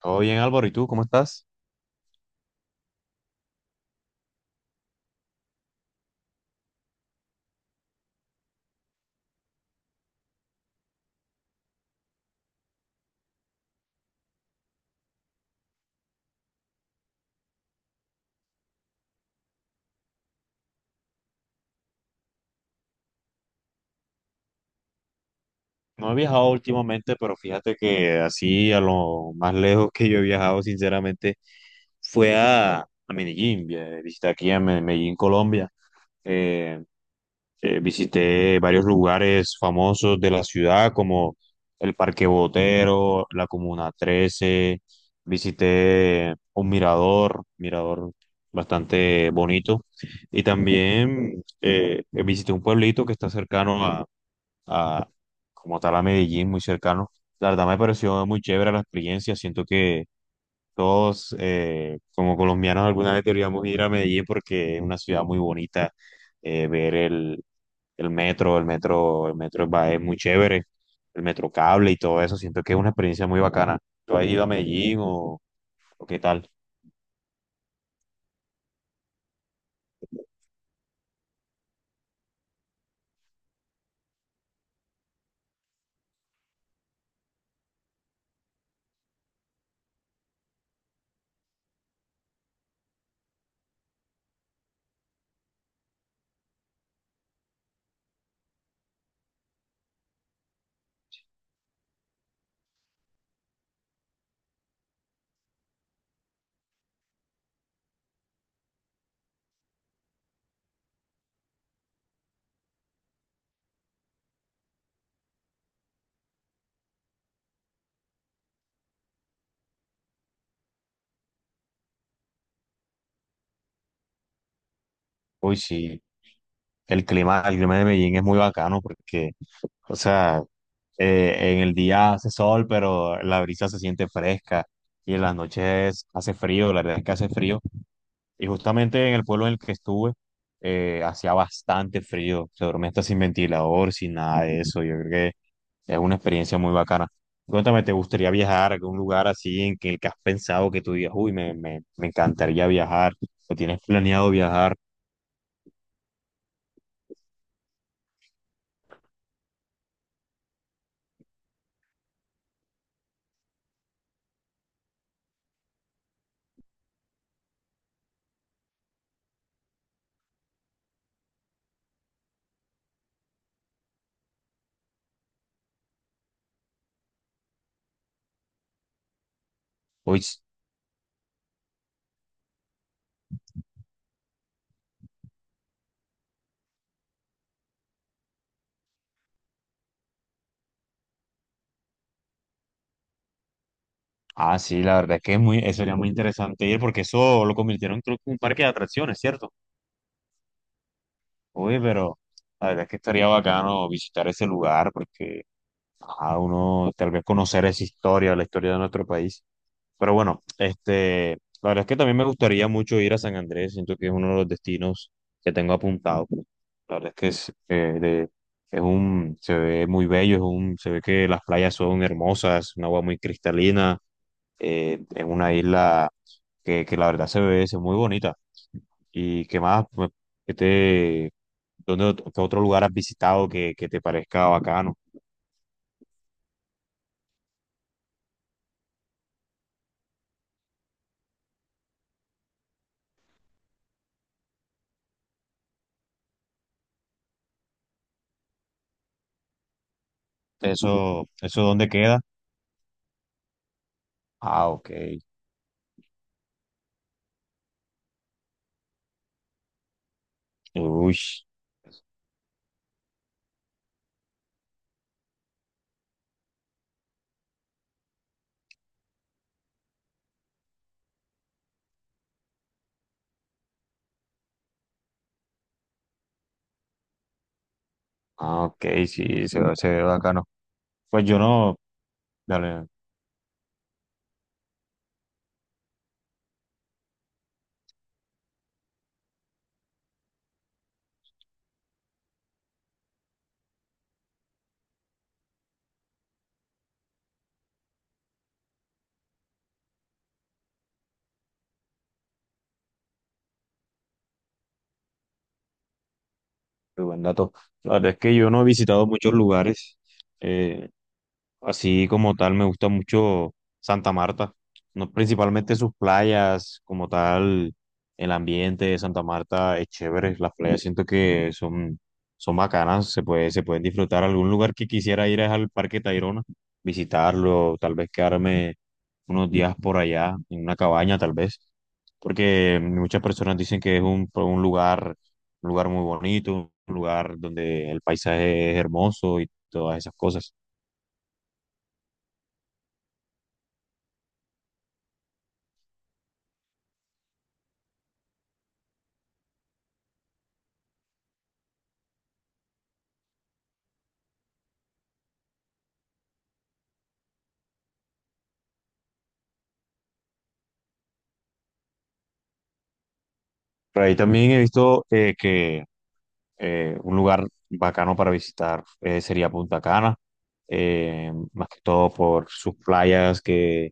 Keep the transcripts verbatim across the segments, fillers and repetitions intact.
Todo bien, Álvaro, ¿y tú cómo estás? No he viajado últimamente, pero fíjate que así a lo más lejos que yo he viajado, sinceramente, fue a, a Medellín. vi- Visité aquí a Me- Medellín, Colombia. Eh, eh, Visité varios lugares famosos de la ciudad, como el Parque Botero, la Comuna trece. Visité un mirador, mirador bastante bonito. Y también eh, visité un pueblito que está cercano a, como tal a Medellín, muy cercano. La verdad me pareció muy chévere la experiencia. Siento que todos, eh, como colombianos, alguna vez deberíamos ir a Medellín porque es una ciudad muy bonita. Eh, ver el, el metro, el metro, el metro va- es muy chévere. El metro cable y todo eso. Siento que es una experiencia muy bacana. ¿Tú has ido a Medellín o, o qué tal? Uy, sí, el clima, el clima de Medellín es muy bacano porque, o sea, eh, en el día hace sol, pero la brisa se siente fresca y en las noches hace frío, la verdad es que hace frío. Y justamente en el pueblo en el que estuve, eh, hacía bastante frío, se dormía hasta sin ventilador, sin nada de eso. Yo creo que es una experiencia muy bacana. Cuéntame, ¿te gustaría viajar a algún lugar así en que, el que has pensado que tú digas, uy, me, me, me encantaría viajar o tienes planeado viajar? Uy. Ah, sí, la verdad es que es muy, eso sería muy interesante ir porque eso lo convirtieron creo que en un parque de atracciones, ¿cierto? Oye, pero la verdad es que estaría bacano visitar ese lugar porque a uno tal vez conocer esa historia, la historia de nuestro país. Pero bueno, este, la verdad es que también me gustaría mucho ir a San Andrés, siento que es uno de los destinos que tengo apuntado. La verdad es que es, eh, de- es un, se ve muy bello, es un, se ve que las playas son hermosas, un agua muy cristalina eh, en una isla que, que la verdad se ve, se ve muy bonita. ¿Y qué más? Pues, ¿qué te, dónde, ot- qué otro lugar has visitado que, que te parezca bacano? ¿Eso, eso dónde queda? Ah, ok. Uy, ah, ok, sí, se, ve- se ve bacano. Pues yo no, dale. Muy buen dato. La verdad es que yo no he visitado muchos lugares. eh, Así como tal, me gusta mucho Santa Marta. No, principalmente sus playas, como tal, el ambiente de Santa Marta es chévere. Las playas siento que son, son bacanas, se puede, se pueden disfrutar. Algún lugar que quisiera ir es al Parque Tayrona, visitarlo, tal vez quedarme unos días por allá, en una cabaña, tal vez. Porque muchas personas dicen que es un un lugar un lugar muy bonito, un lugar donde el paisaje es hermoso y todas esas cosas. Por ahí también he visto eh, que eh, un lugar bacano para visitar eh, sería Punta Cana, eh, más que todo por sus playas, que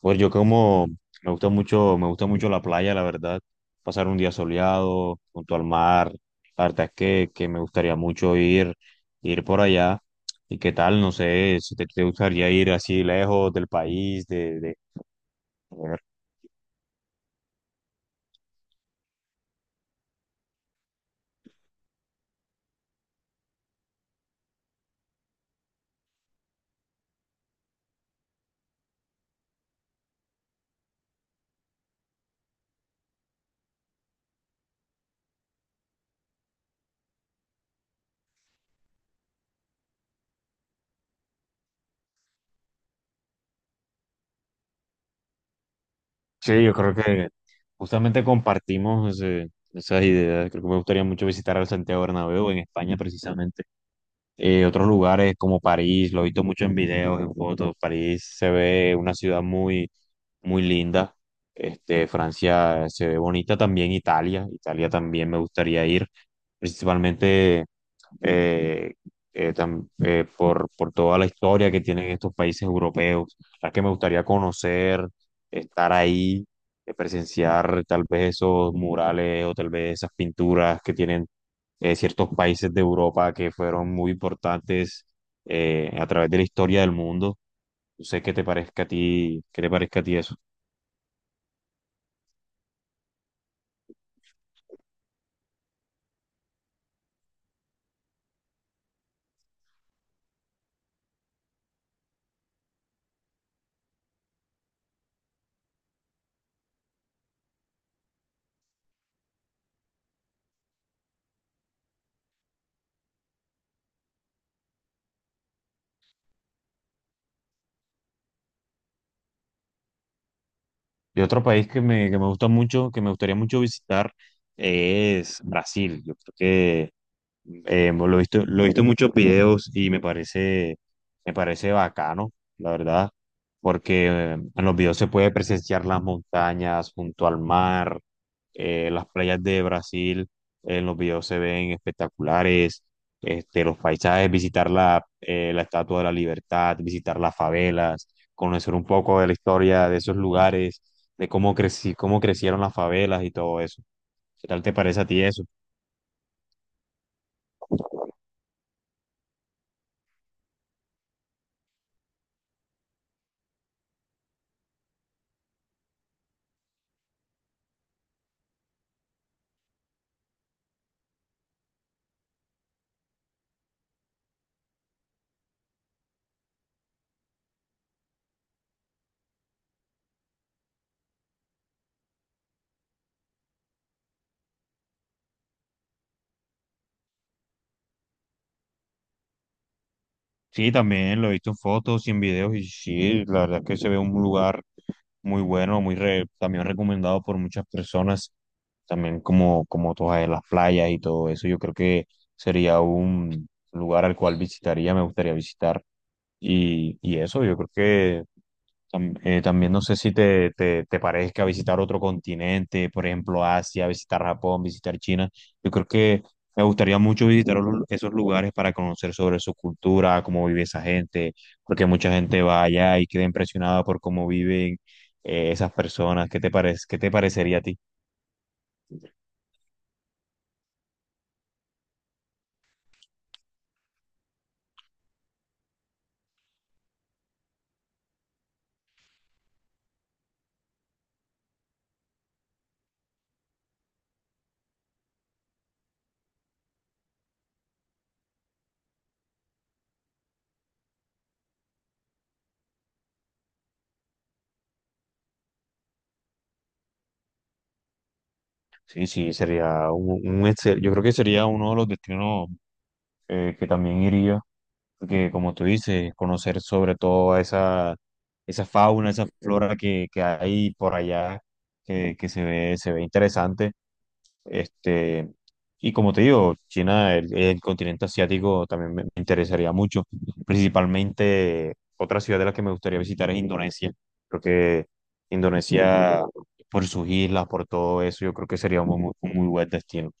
pues yo como me gusta mucho, me gusta mucho la playa, la verdad, pasar un día soleado junto al mar, la verdad es que, que me gustaría mucho ir, ir por allá. ¿Y qué tal? No sé, si te, te gustaría ir así lejos del país, de, de, Sí, yo creo que justamente compartimos ese- esas ideas. Creo que me gustaría mucho visitar al Santiago Bernabéu en España precisamente. Eh, otros lugares como París, lo he visto mucho en videos, en fotos. París se ve una ciudad muy, muy linda. Este, Francia se ve bonita también, Italia. Italia también me gustaría ir, principalmente eh, eh, tam- eh, por, por toda la historia que tienen estos países europeos, las que me gustaría conocer, estar ahí, eh, presenciar tal vez esos murales o tal vez esas pinturas que tienen eh, ciertos países de Europa que fueron muy importantes eh, a través de la historia del mundo. No sé qué te parezca a ti, qué te parezca a ti eso. Y otro país que me, que me gusta mucho, que me gustaría mucho visitar, es Brasil. Yo creo. Eh, lo he visto, lo he visto en muchos videos y me parece, me parece bacano, la verdad, porque eh, en los videos se puede presenciar las montañas junto al mar, eh, las playas de Brasil, eh, en los videos se ven espectaculares, este, los paisajes, visitar la, eh, la Estatua de la Libertad, visitar las favelas, conocer un poco de la historia de esos lugares, de cómo creci- cómo crecieron las favelas y todo eso. ¿Qué tal te parece a ti eso? Sí, también lo he visto en fotos y en videos y sí, la verdad es que se ve un lugar muy bueno, muy re- también recomendado por muchas personas, también como, como todas las playas y todo eso, yo creo que sería un lugar al cual visitaría, me gustaría visitar y, y eso, yo creo que tam- eh, también no sé si te, te, te parezca visitar otro continente, por ejemplo Asia, visitar Japón, visitar China. Yo creo que me gustaría mucho visitar olu- esos lugares para conocer sobre su cultura, cómo vive esa gente, porque mucha gente va allá y queda impresionada por cómo viven eh, esas personas. ¿Qué te parece? ¿Qué te parecería a ti? Sí, sí, sería un, un excel- yo creo que sería uno de los destinos eh, que también iría, porque como tú dices, conocer sobre todo a esa, esa fauna, esa flora que, que hay por allá, que, que se ve, se ve interesante. Este, y como te digo, China, el, el continente asiático también me, me interesaría mucho. Principalmente, otra ciudad de la que me gustaría visitar es Indonesia. Creo que Indonesia, por sus islas, por todo eso, yo creo que sería un, muy un muy buen destino.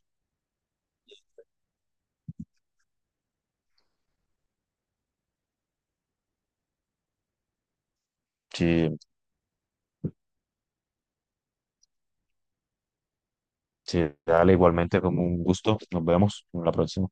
Sí, sí, dale, igualmente como un gusto. Nos vemos en la próxima.